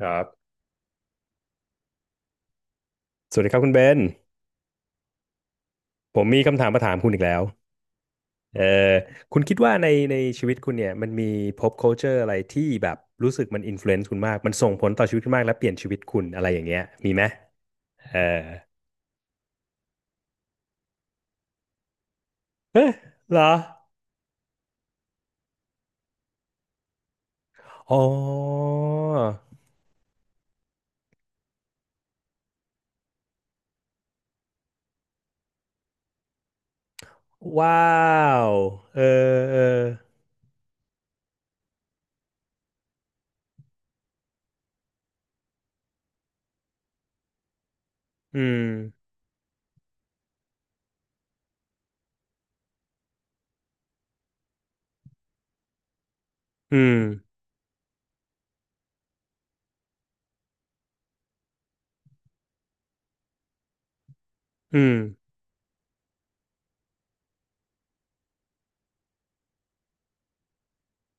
ครับสวัสดีครับคุณเบนผมมีคำถามมาถามคุณอีกแล้วเออคุณคิดว่าในชีวิตคุณเนี่ยมันมี pop culture อะไรที่แบบรู้สึกมัน influence คุณมาก มันส่งผลต่อชีวิตคุณมากและเปลี่ยนชีวิตคุณอะไรอย่างเงี้ยมีไหมเออเหรอ อ๋อ ว้าวเออเอออืม อืม อืม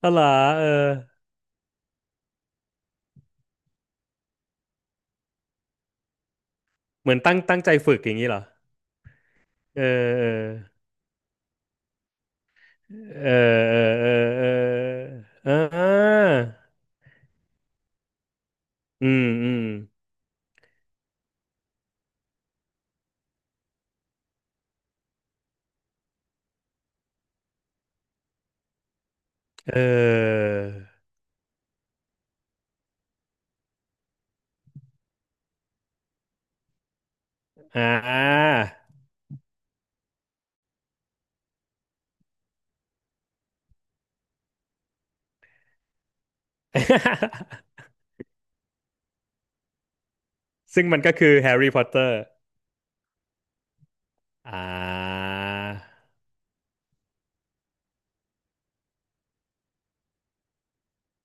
อ๋อเหรอเออเหมือนตั้งใจฝึกอย่างนี้เหรอ เออ เออเออเออเออเออเออ อืมอืมเอออ่า ซึ่งมันก็คือแฮร์รี่พอตเตอร์อ่า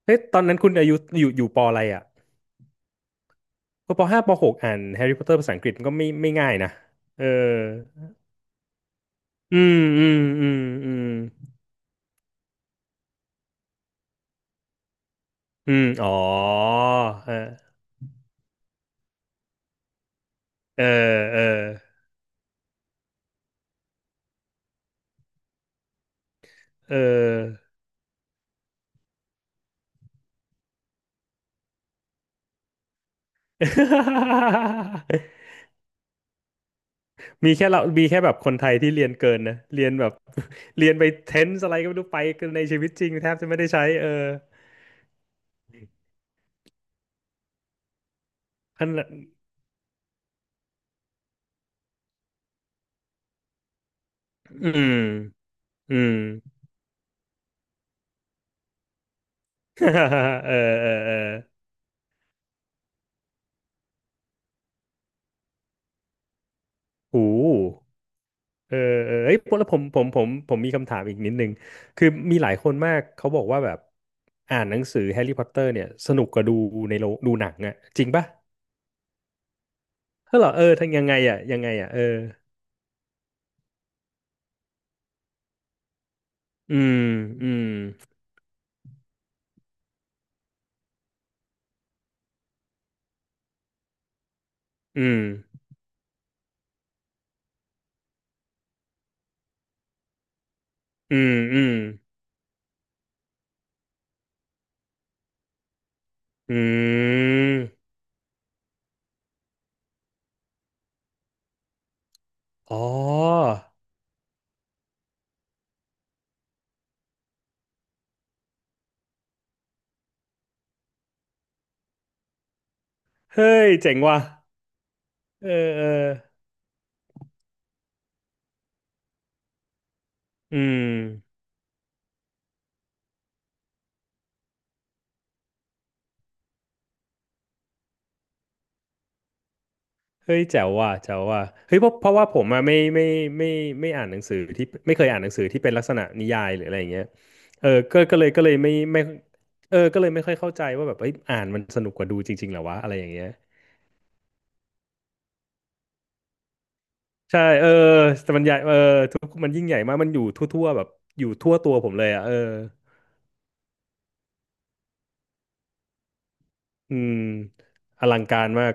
เฮ้ยตอนนั้นคุณอายุอยู่ปออะไรอ่ะก็ปห้าปหกอ่านแฮร์รี่พอตเตอร์ภาษาอังกฤษมันก็ไม่ง่ายนะเอออืมอืมอืมอืมอืมอ๋อเออเออเออเออ มีแค่เรามีแค่แบบคนไทยที่เรียนเกินนะ เรียนแบบ เรียนไปเทนส์อะไรก็ไม่รู้ไปกันในชีวิตจริงแทบจะไม่ได้ใช้เออขนาดอืมอืม เออเออเออโอ้โหูเออเออเอ้ยแล้วผมมีคำถามอีกนิดนึง คือมีหลายคนมากเขาบอกว่าแบบอ่านหนังสือแฮร์รี่พอตเตอร์เนี่ยสนุกกว่าดูในโรงดูหนังอะจริงปะเฮ้ยเหรอเออทั้งยังไงอะยังไงอะเอออืมอืมอืมอืมอืม อืม อ๋อ เฮ้ยเจ๋งว่ะเออเอออืมเฮ้ยแจ๋วว่ะแจ๋วว่ะเฮ้ยเพราะว่าผมอะไม่ไม่อ่านหนังสือที่ไม่เคยอ่านหนังสือที่เป็นลักษณะนิยายหรืออะไรอย่างเงี้ยเออก็เลยไม่ไม่เออก็เลยไม่ค่อยเข้าใจว่าแบบเอ้ยอ่านมันสนุกกว่าดูจริงๆเหรอวะอะไรอย่างเงี้ยใช่เออแต่มันใหญ่เออทุกมันยิ่งใหญ่มากมันอยู่ทั่วๆแบบอยู่ทั่วตัวผมเลยอะเอออืมอลังการมาก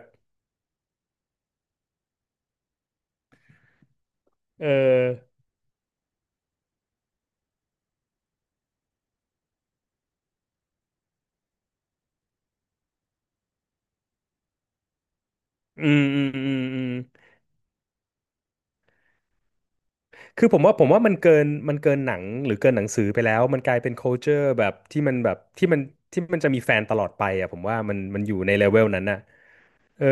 เอออืมอืมอืมอืม คือผมว่ามันเกินมันเกินหนังหรือเกินหนังสือไปแล้วมันกลายเป็น culture แบบที่มันที่มันจะมีแฟนตลอดไปอ่ะผมว่ามันมันอยู่ในเลเวลนั้นน่ะเออ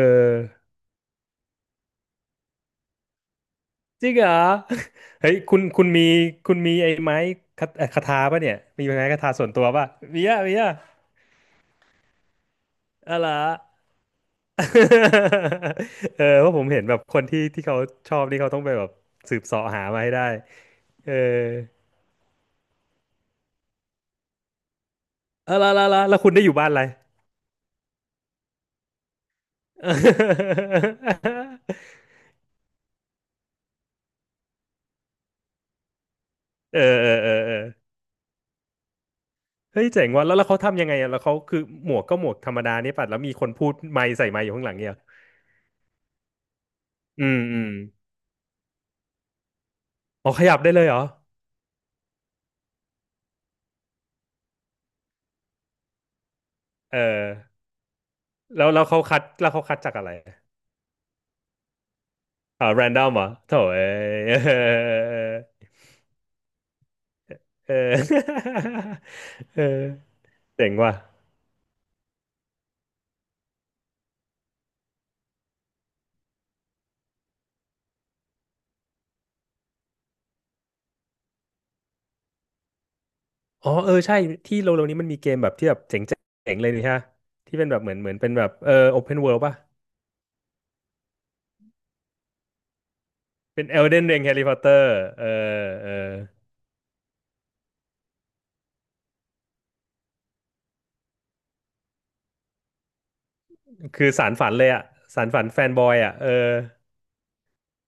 จริงเหรอ เฮ้ยคุณมีไอ้ไม้คาคาถาป่ะเนี่ยมีไม้คาถาส่วนตัวป่ะมีอะมีอะอะไรอ เออเพราะผมเห็นแบบคนที่เขาชอบนี่เขาต้องไปแบบสืบเสาะหามาให้ได้เออเออละแล้วคุณได้อยู่บ้านอะไร เออเออเออเออเฮ้ยเจ๋งว่ะแล้วเขาทำยังไงอ่ะแล้วเขาคือหมวกก็หมวกธรรมดานี่ป่ะแล้วมีคนพูดไมค์ใส่ไมค์อยู่ข้างหลังเนี่ยเหรออืมอืมอ๋อขยับได้เลยเหรอเออแล้วเขาคัดจากอะไรอ่าแรนดอมเหรอโถ่เอ้ยเออ เออเออเจ๋งว่ะอ๋อเออใช่ที่เร็วๆนี้มันมีเกมแบบที่แบบเจ๋งเจ๋งเลยนี่ฮะที่เป็นแบบเหมือนเป็นแบบเออโอเพนเวิลด์ป่ะเป็น Elden Ring Harry Potter เออเออ คือสารฝันเลยอะสารฝันแฟนบอยอะเออ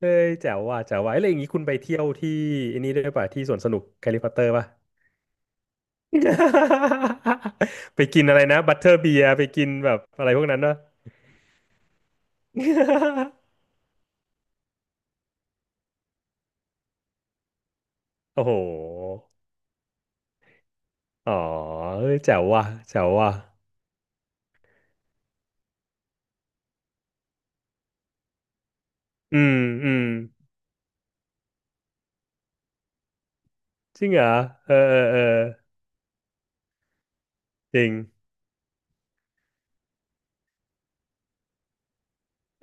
เฮ้ยแจ๋วว่ะแจ๋วว่ะเอ้ยแล้วอย่างนี้คุณไปเที่ยวที่อันนี้ด้วยป่ะที่สวนสนุกแฮร์รี่พอตเตอร์ป่ะ ไปกินอะไรนะบัตเตอร์เบียร์ไปกินแบบอะไรพวกนั้นปะ โอ้โหอ๋อเฮ้ยแจ๋วว่ะแจ๋วว่ะอืมอืมจริงเหรอเออเออเออจริง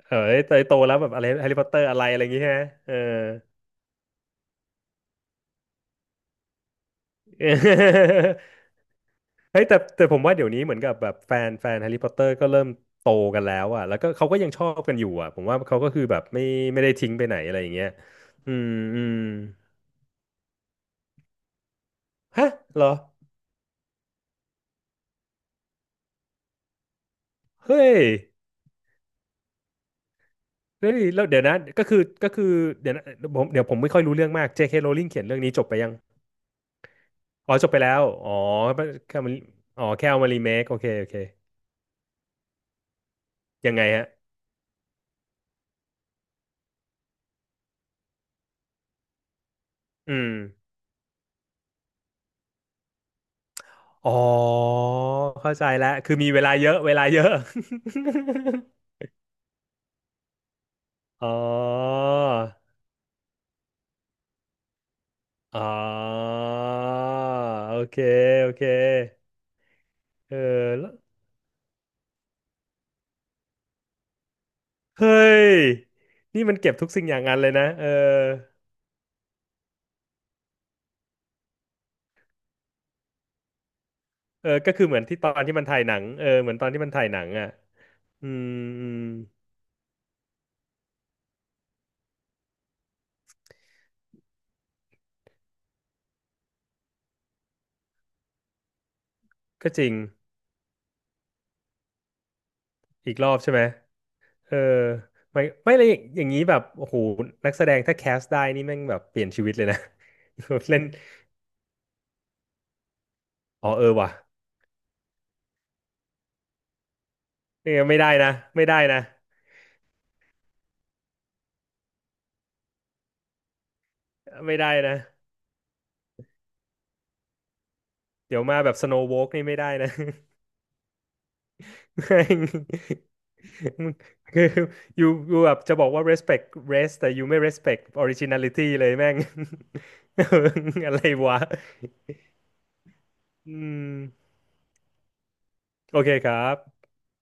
เออเอ้ยโตแล้วแบบอะไรแฮร์รี่พอตเตอร์อะไรอะไรอย่างงี้ฮะเออ เฮ้ยแต่ผมว่าเดี๋ยวนี้เหมือนกับแบบแฟนแฮร์รี่พอตเตอร์ก็เริ่มโตกันแล้วอ่ะแล้วก็เขาก็ยังชอบกันอยู่อ่ะผมว่าเขาก็คือแบบไม่ไม่ได้ทิ้งไปไหนอะไรอย่างเงี้ยอืมอืมฮะเหรอเฮ้ยเฮ้ยแล้วเดี๋ยวนะก็คือเดี๋ยวนะผมเดี๋ยวผมไม่ค่อยรู้เรื่องมาก J.K. Rowling เขียนเรื่องนี้จบไปยังอ๋อจบไปแล้วอ๋อแค่มันอ๋อแค่เอามารีเมคโอเคโอเคยังไงฮะอืมอ๋อเข้าใจแล้วคือมีเวลาเยอะเวลาเยอะ อ๋อ อ๋อโอเคโอเคเออแล้วเฮ้ยนี่มันเก็บทุกสิ่งอย่างงั้นเลยนะเออเออก็คือเหมือนที่ตอนที่มันถ่ายหนังเออเหมือนตอนที่มันถ่ายหนังอ่ะอืมอืมก็จริงอีกรอบใช่ไหมเออไม่ไม่เลยอย่างนี้แบบโอ้โหนักแสดงถ้าแคสได้นี่แม่งแบบเปลี่ยนชีวิตเลยนะ เล่นอ๋อเออว่ะนี่ไม่ได้นะไม่ได้นะไม่ได้นะเดี๋ยวมาแบบสโนว์ a l กนี่ไม่ได้นะ แม่ง มึง คือ you แบบจะบอกว่า respect rest แต่ you ไม่ respect originality เลยแม่ง อะไรวะอืมโอเคครับ